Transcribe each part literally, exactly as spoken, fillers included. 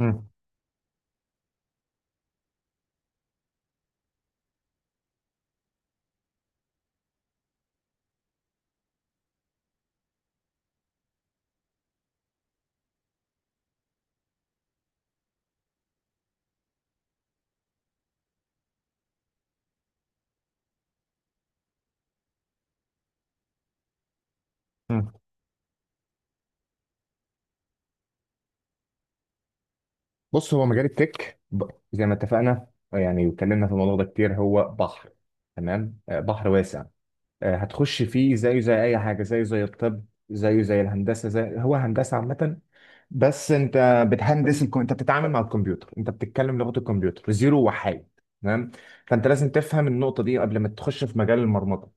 مم. مم. بص، هو مجال التك ب- زي ما اتفقنا، يعني واتكلمنا في الموضوع ده كتير. هو بحر. تمام. آه، بحر واسع. آه، هتخش فيه زيه زي اي حاجه، زيه زي الطب، زيه زي الهندسه، زي هو هندسه عامه. بس انت بتهندس الكم... انت بتتعامل مع الكمبيوتر، انت بتتكلم لغه الكمبيوتر، زيرو وحيد. تمام. فانت لازم تفهم النقطه دي قبل ما تخش في مجال المرمطه.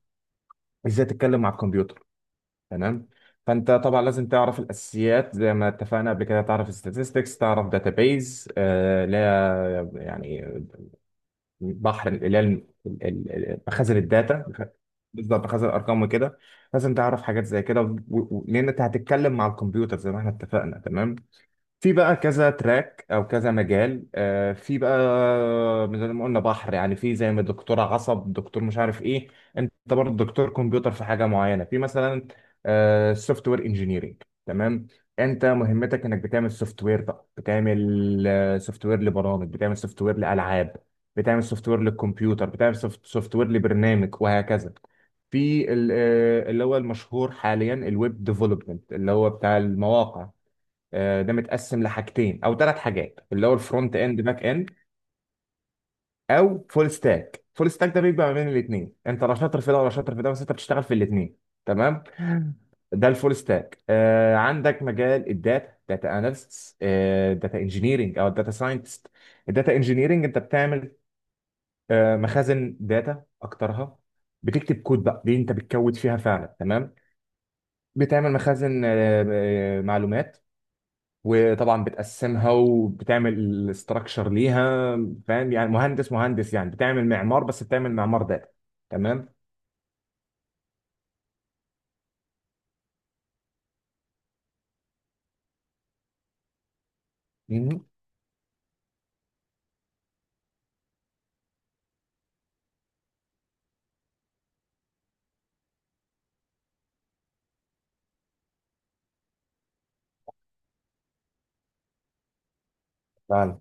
ازاي تتكلم مع الكمبيوتر؟ تمام. فانت طبعا لازم تعرف الاساسيات، زي ما اتفقنا قبل كده. تعرف statistics، تعرف database. آه، لا يعني بحر. اللي هي ال- ال- ال- مخازن الداتا. بالظبط، مخازن الارقام وكده. لازم تعرف حاجات زي كده، و- و- لان انت هتتكلم مع الكمبيوتر زي ما احنا اتفقنا. تمام. في بقى كذا تراك او كذا مجال. آه، في بقى، زي ما قلنا، بحر. يعني في، زي ما دكتور عصب، دكتور مش عارف ايه، انت برضه دكتور كمبيوتر في حاجه معينه. في مثلا سوفت وير انجينيرنج. تمام. انت مهمتك انك بتعمل سوفت وير. بقى بتعمل سوفت وير لبرامج، بتعمل سوفت وير لالعاب، بتعمل سوفت وير للكمبيوتر، بتعمل سوفت وير لبرنامج، وهكذا. في ال- آه، اللي هو المشهور حاليا، الويب ديفلوبمنت، اللي هو بتاع المواقع. آه، ده متقسم لحاجتين او ثلاث حاجات، اللي هو الفرونت اند، باك اند، او فول ستاك. فول ستاك ده بيبقى ما بين الاثنين، انت لا شاطر في ده ولا شاطر في ده، بس انت بتشتغل في الاثنين. تمام. ده الفول ستاك. آه عندك مجال الداتا: داتا اناليست، آه داتا انجينيرنج، او داتا ساينتست. الداتا انجينيرنج انت بتعمل آه مخازن داتا اكترها. بتكتب كود، بقى دي انت بتكود فيها فعلا. تمام. بتعمل مخازن آه آه، معلومات، وطبعا بتقسمها وبتعمل الاستراكشر ليها. فاهم؟ يعني مهندس، مهندس، يعني بتعمل معمار، بس بتعمل معمار داتا. تمام. مهم. فعلا.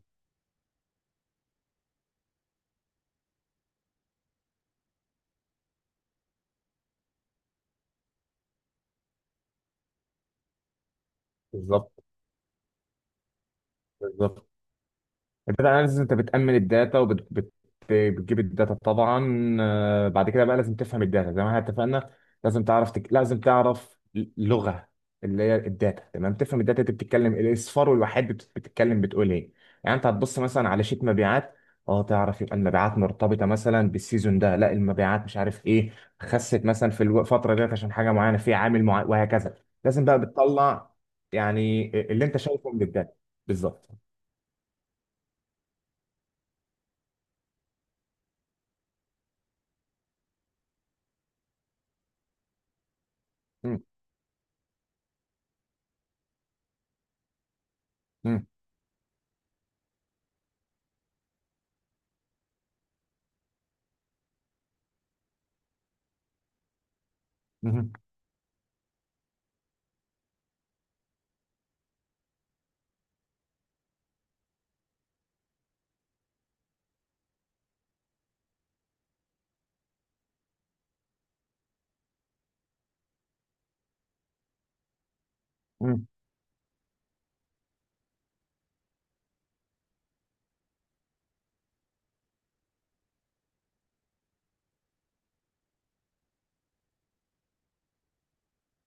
بالظبط، بالظبط. الداتا اناليسيس، انت بتأمن الداتا وبتجيب الداتا طبعا. آه، بعد كده بقى لازم تفهم الداتا زي ما احنا اتفقنا. لازم تعرف تك... لازم تعرف لغة، اللي هي الداتا. تمام. تفهم الداتا، انت بتتكلم الاصفار والوحيد. بت- بتتكلم، بتقول ايه. يعني انت هتبص مثلا على شيت مبيعات، اه، تعرف يبقى المبيعات مرتبطة مثلا بالسيزون ده، لا المبيعات مش عارف ايه، خست مثلا في الفترة ديت عشان حاجة معينة، في عامل معين، وهكذا. لازم بقى بتطلع يعني آه، اللي انت شايفه من الداتا. بالظبط. مم. مم. مم.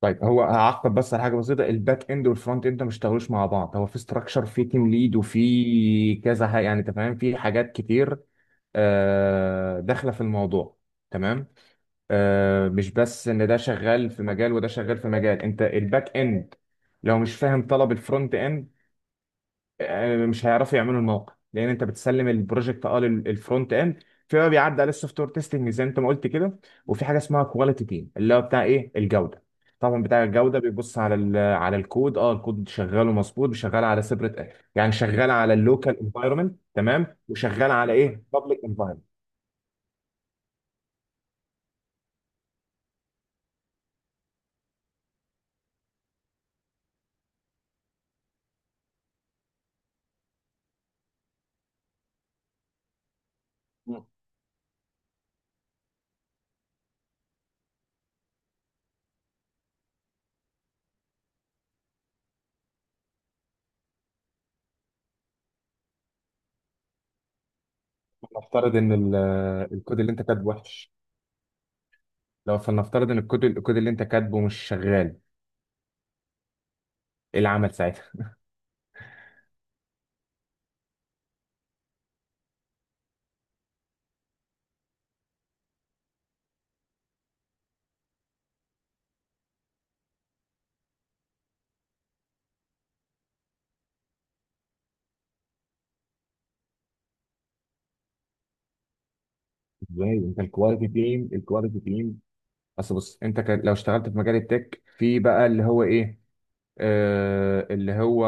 طيب، هو هعقب بس على حاجه بسيطه. الباك اند والفرونت اند ما اشتغلوش مع بعض. هو في استراكشر، في تيم ليد، وفي كذا ح- يعني انت فاهم، في حاجات كتير آه، داخله في الموضوع. تمام. آه، مش بس ان ده شغال في مجال وده شغال في مجال. انت الباك اند لو مش فاهم طلب الفرونت اند، آه، مش هيعرفوا يعملوا الموقع، لان انت بتسلم البروجكت اه لل- الفرونت اند. في بقى بيعدي على السوفت وير تيستنج زي ما انت ما قلت كده، وفي حاجه اسمها كواليتي تيم، اللي هو بتاع ايه، الجوده. طبعا بتاع الجوده بيبص على ال- على الكود. اه، الكود شغال ومظبوط، شغال على سيبريت يعني، شغال على اللوكال انفايرمنت، تمام، وشغال على ايه، بابليك انفايرمنت. مم. نفترض ان ال- الكود اللي انت كاتبه وحش. لو فلنفترض ان الكود الكود اللي انت كاتبه مش شغال، ايه العمل ساعتها؟ ازاي انت الكواليتي تيم، الكواليتي تيم. بس بص، انت كان لو اشتغلت في مجال التك، في بقى اللي هو ايه، آه اللي هو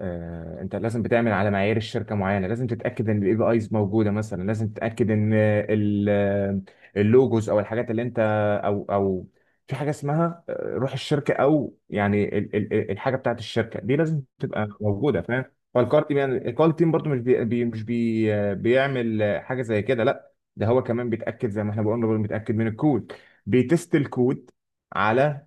آه، انت لازم بتعمل على معايير الشركه معينه. لازم تتاكد ان الاي بي ايز موجوده مثلا، لازم تتاكد ان آه، ال- آه، اللوجوز او الحاجات اللي انت، او او في حاجه اسمها آه، روح الشركه، او يعني ال- ال- ال- الحاجه بتاعت الشركه دي لازم تبقى موجوده، فاهم. فالكار تيم، يعني الكار تيم برضو، مش بي بي- مش بي آه، بيعمل آه، حاجه زي كده. لا، ده هو كمان بيتاكد زي ما احنا بقولنا، بيتاكد من الكود، بيتست الكود على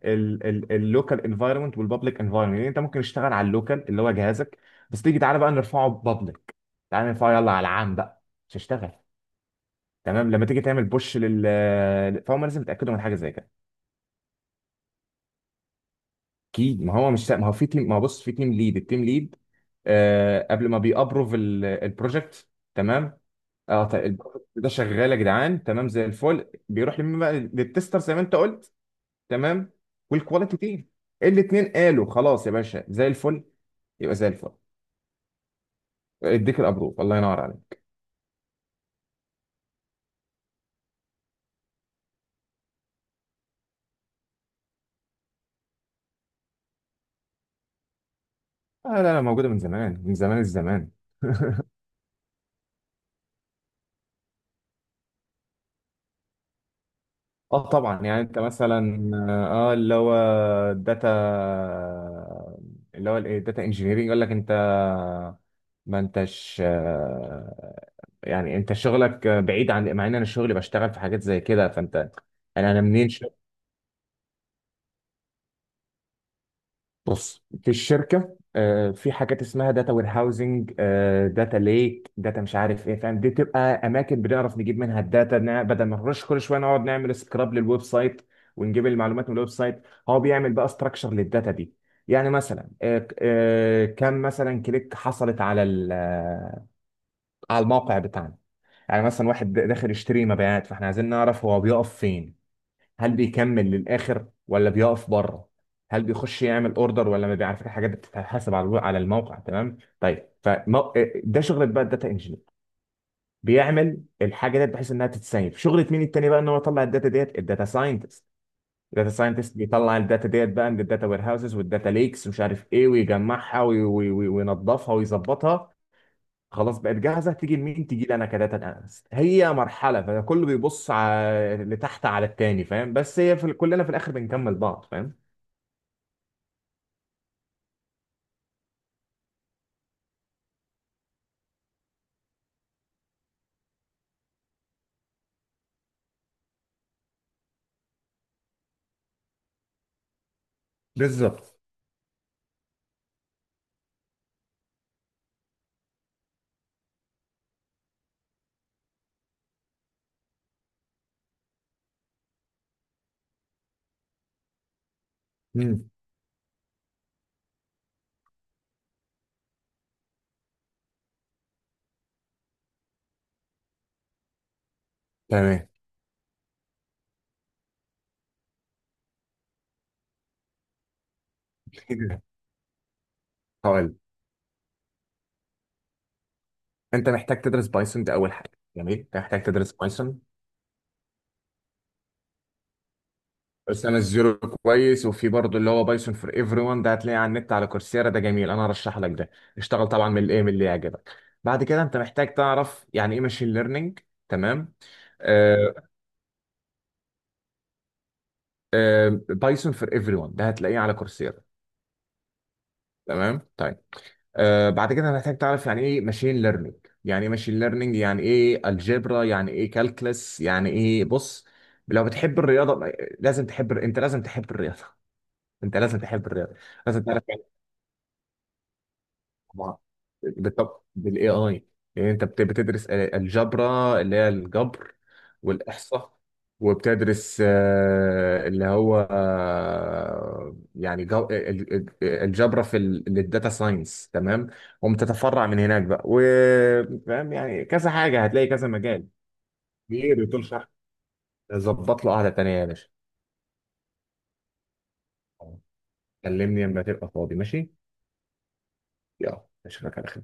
اللوكال انفايرمنت والبابليك انفايرمنت. يعني انت ممكن تشتغل على اللوكال اللي هو جهازك، بس تيجي تعالى بقى نرفعه بابليك، تعالى نرفعه يلا على العام بقى، مش هشتغل. تمام. لما تيجي تعمل بوش لل فهم لازم يتاكدوا من حاجه زي كده. اكيد. ما هو مش ما هو في تيم ما هو، بص، في تيم ليد. التيم ليد آه قبل ما بيابروف البروجكت. تمام. اه، طيب البروجكت ده شغال يا جدعان، تمام زي الفل، بيروح لمين بقى، للتستر زي ما انت قلت. تمام. والكواليتي تيم، الاثنين قالوا خلاص يا باشا زي الفل، يبقى زي الفل. اديك الابروف، الله ينور عليك. آه، لا لا، موجوده من زمان، من زمان الزمان. اه طبعا. يعني انت مثلا اه آه، اللي هو الداتا، اللي هو الايه الداتا انجينيرنج يقول لك انت ما انتش، آه، يعني انت شغلك بعيد، عن مع ان انا شغلي بشتغل في حاجات زي كده، فانت، انا انا منين. بص، في الشركه آه، في حاجات اسمها داتا وير هاوزنج، داتا ليك، داتا مش عارف ايه، فاهم. دي تبقى اماكن بنعرف نجيب منها الداتا، نا- بدل ما نرش كل شويه نقعد نعمل سكراب للويب سايت ونجيب المعلومات من الويب سايت. هو بيعمل بقى ستراكشر للداتا دي. يعني مثلا آه، آه، كم مثلا كليك حصلت على ال- آه، على الموقع بتاعنا. يعني مثلا واحد داخل يشتري مبيعات، فاحنا عايزين نعرف هو بيقف فين، هل بيكمل للاخر ولا بيقف بره، هل بيخش يعمل اوردر ولا ما بيعرف، الحاجات دي بتتحاسب على الو- على الموقع. تمام. طيب فمو... ده شغله بقى الداتا انجينير. بيعمل الحاجه دي بحيث انها تتسيب شغله مين التاني بقى، ان هو يطلع الداتا ديت، الداتا ساينتست. الداتا ساينتست بيطلع الداتا ديت بقى من الداتا وير هاوسز والداتا ليكس ومش عارف ايه، ويجمعها وي- وي- وي- وينظفها ويظبطها. خلاص، بقت جاهزه. تيجي لمين؟ تيجي لي انا كداتا اناليست. هي مرحله، فكله بيبص على لتحت على التاني، فاهم، بس هي في ال- كلنا في الاخر بنكمل بعض، فاهم. بالظبط. مم. تمام. هقول، انت محتاج تدرس بايثون، ده اول حاجه. جميل. انت محتاج تدرس بايثون. بس انا الزيرو كويس، وفي برضه اللي هو بايثون فور ايفري ون، ده هتلاقيه على النت على كورسيرا، ده جميل، انا هرشح لك ده. اشتغل طبعا من الايه، من اللي يعجبك. بعد كده انت محتاج تعرف يعني ايه ماشين ليرنينج. تمام. آه، بايثون فور ايفري ون ده هتلاقيه على كورسيرا. تمام. طيب. آه، بعد كده هنحتاج تعرف يعني ايه ماشين ليرنينج. يعني ايه ماشين ليرنينج، يعني ايه الجبرا، يعني ايه كالكلس، يعني ايه. بص، لو بتحب الرياضه، لازم تحب، انت لازم تحب الرياضه. انت لازم تحب الرياضه. لازم تعرف، طبعا. بالطب بالاي اي. يعني انت بت- بتدرس الجبر، اللي هي الجبر والاحصاء، وبتدرس آه، اللي هو آه، يعني جو- ال- ال- الجبر في الداتا ساينس. تمام. وبتتفرع من هناك بقى، وفاهم يعني كذا حاجه، هتلاقي كذا مجال. كبير، وطول شرح. ظبط له قعده تانيه يا باشا. كلمني لما تبقى فاضي، ماشي. يلا، اشوفك على خير.